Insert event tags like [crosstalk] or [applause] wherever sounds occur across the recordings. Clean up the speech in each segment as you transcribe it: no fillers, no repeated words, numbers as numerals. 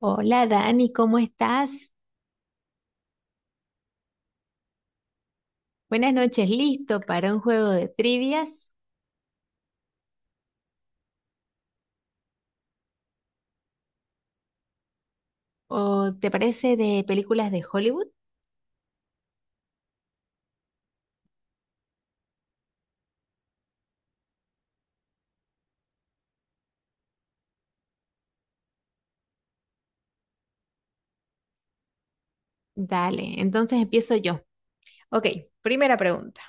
Hola Dani, ¿cómo estás? Buenas noches, ¿listo para un juego de trivias? ¿O te parece de películas de Hollywood? Dale, entonces empiezo yo. Ok, primera pregunta.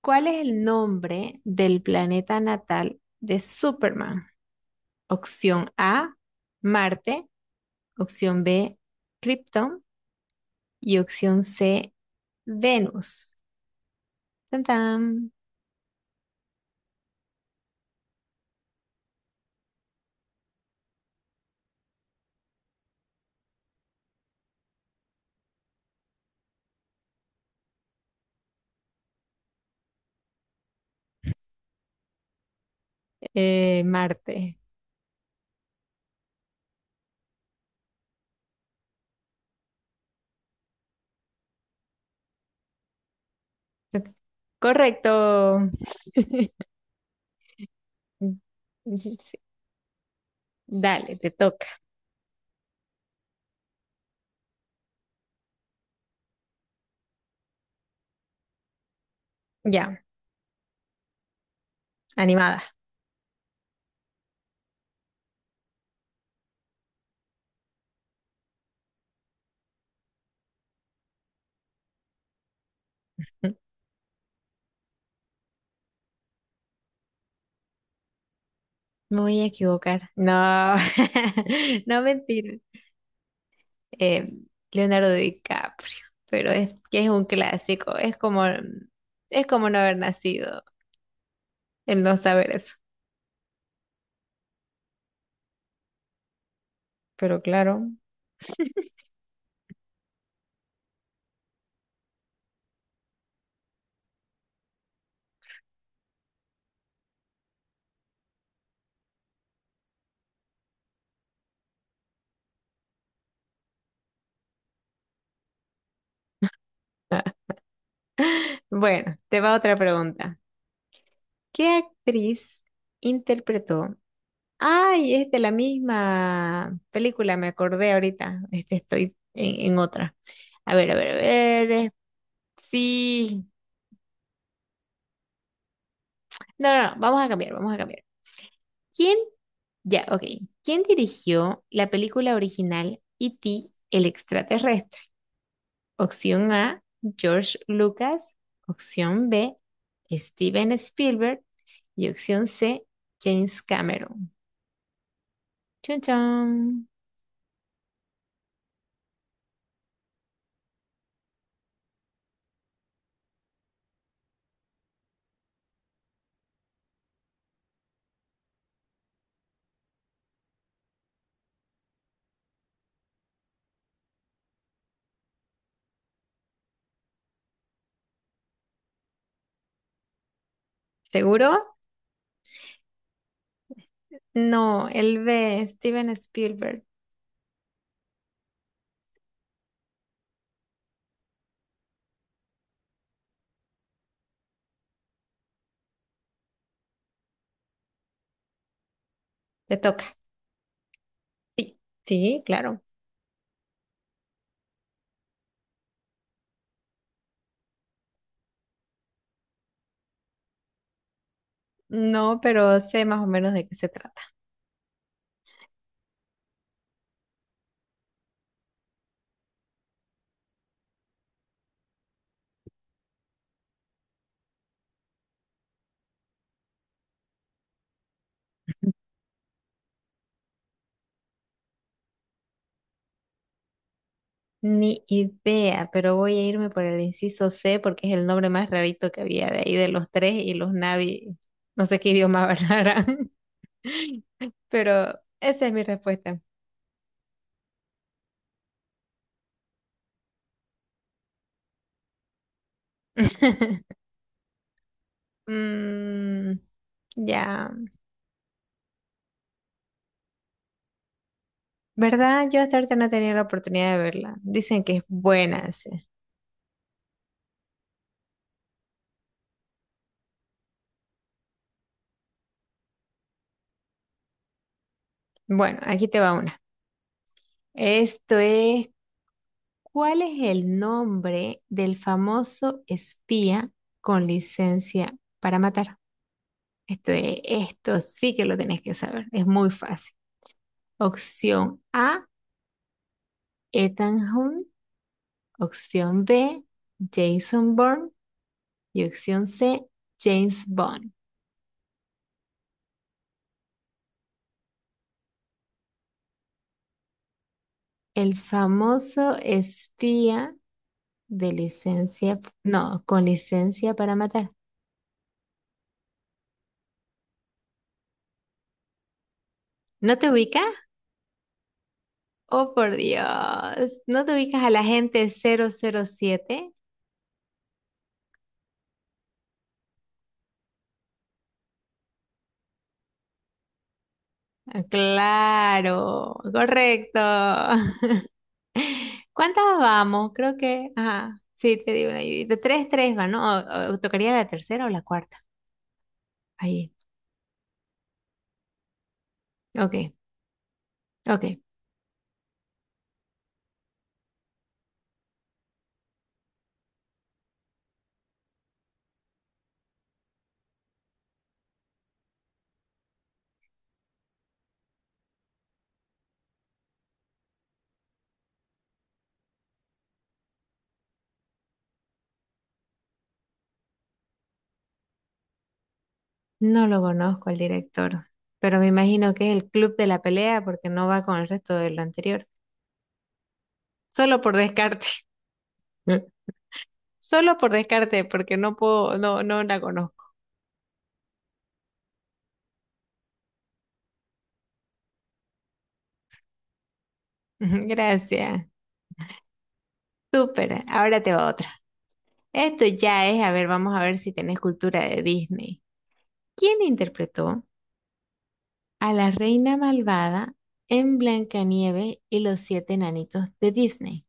¿Cuál es el nombre del planeta natal de Superman? Opción A, Marte. Opción B, Krypton. Y opción C, Venus. Tan, tan. Marte. Correcto. [laughs] Sí, dale, te toca. Ya, animada. Me voy a equivocar. No, [laughs] no mentira. Eh, Leonardo DiCaprio, pero es que es un clásico. Es como no haber nacido, el no saber eso. Pero claro. [laughs] Bueno, te va otra pregunta. ¿Qué actriz interpretó? Ay, es de la misma película, me acordé ahorita. Este, estoy en otra. A ver, a ver, a ver. Sí. No, no, no, vamos a cambiar, vamos a cambiar. ¿Quién? Ya, ok. ¿Quién dirigió la película original E.T. el extraterrestre? Opción A, George Lucas. Opción B, Steven Spielberg. Y opción C, James Cameron. Chun chun. ¿Seguro? No, el B, Steven Spielberg. Te toca. Sí, claro. No, pero sé más o menos de qué se trata. Ni idea, pero voy a irme por el inciso C porque es el nombre más rarito que había de ahí de los tres y los Navi, no sé qué idioma hablarán. [laughs] Pero esa es mi respuesta. [laughs] Mm, ya, ¿verdad? Yo hasta ahorita no he tenido la oportunidad de verla. Dicen que es buena. Sí. Bueno, aquí te va una. Esto es, ¿cuál es el nombre del famoso espía con licencia para matar? Esto sí que lo tenés que saber. Es muy fácil. Opción A, Ethan Hunt. Opción B, Jason Bourne. Y opción C, James Bond. El famoso espía de licencia, no, con licencia para matar. ¿No te ubicas? Oh, por Dios. ¿No te ubicas al agente 007? Ah, claro, correcto. [laughs] ¿Cuántas vamos? Creo que, ajá, sí, te digo una ayudita. Tres, tres van, ¿no? O tocaría la tercera o la cuarta. Ahí. Ok, ok. No lo conozco el director, pero me imagino que es el club de la pelea porque no va con el resto de lo anterior. Solo por descarte. [laughs] Solo por descarte, porque no puedo, no, no la conozco. [laughs] Gracias. Súper. Ahora te va otra. Esto ya es, a ver, vamos a ver si tenés cultura de Disney. ¿Quién interpretó a la reina malvada en Blancanieves y los siete enanitos de Disney?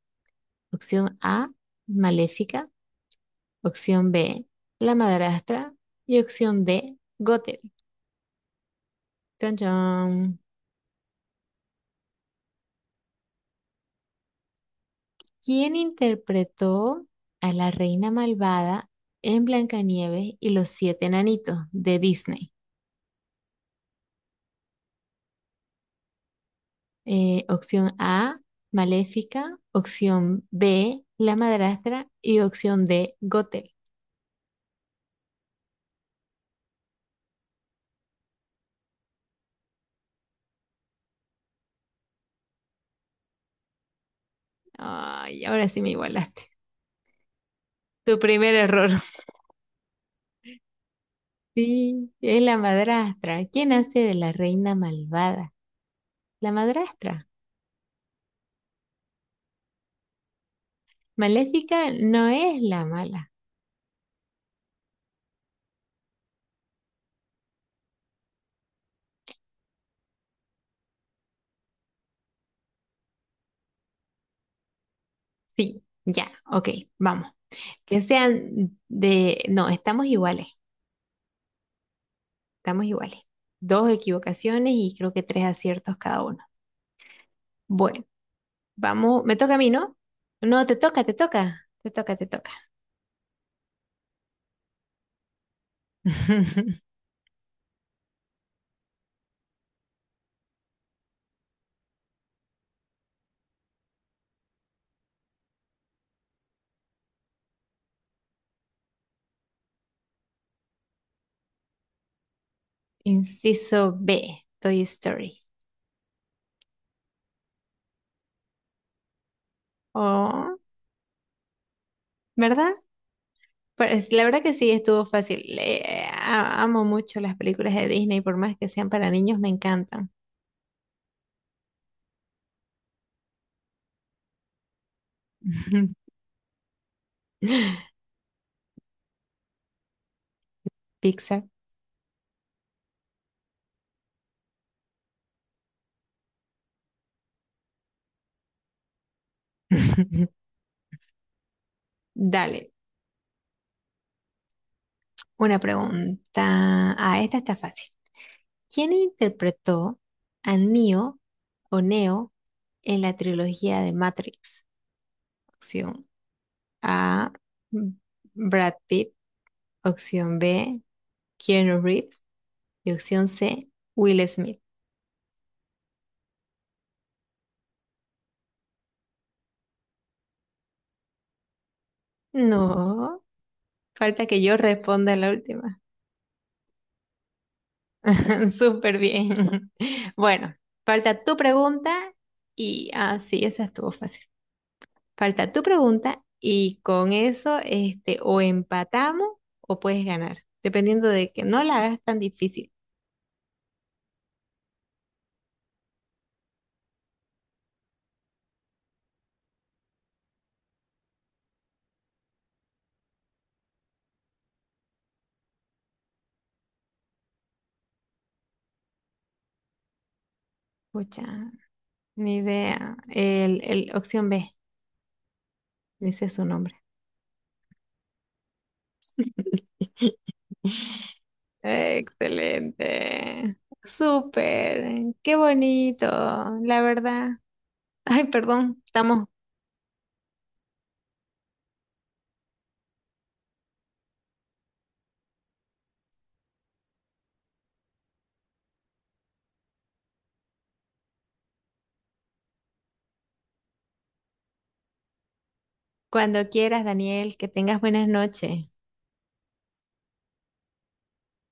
Opción A, Maléfica. Opción B, la madrastra. Y opción D, Gothel. Chon, chon. ¿Quién interpretó a la reina malvada en Blancanieves y los siete enanitos de Disney? Opción A, Maléfica. Opción B, la madrastra. Y opción D, Gothel. Ay, ahora sí me igualaste. Tu primer error. [laughs] Sí, es la madrastra. ¿Quién hace de la reina malvada? La madrastra. Maléfica no es la mala. Sí, ya, ok, vamos. Que sean de... No, estamos iguales, estamos iguales. Dos equivocaciones y creo que tres aciertos cada uno. Bueno, vamos, me toca a mí, ¿no? No, te toca, te toca, te toca, te toca. [laughs] Inciso B, Toy Story. Oh, ¿verdad? La verdad que sí, estuvo fácil. Amo mucho las películas de Disney, por más que sean para niños, me encantan. [laughs] Pixar. [laughs] Dale, una pregunta. Ah, esta está fácil. ¿Quién interpretó a Neo o Neo en la trilogía de Matrix? Opción A, M- Brad Pitt. Opción B, Keanu Reeves. Y opción C, Will Smith. No, falta que yo responda la última. [laughs] Súper bien. [laughs] Bueno, falta tu pregunta y ah, sí, esa estuvo fácil. Falta tu pregunta y con eso este, o empatamos o puedes ganar, dependiendo de que no la hagas tan difícil. Pucha, ni idea. El opción B, dice su nombre. [laughs] Excelente. Súper. Qué bonito, la verdad. Ay, perdón. Estamos cuando quieras, Daniel. Que tengas buenas noches.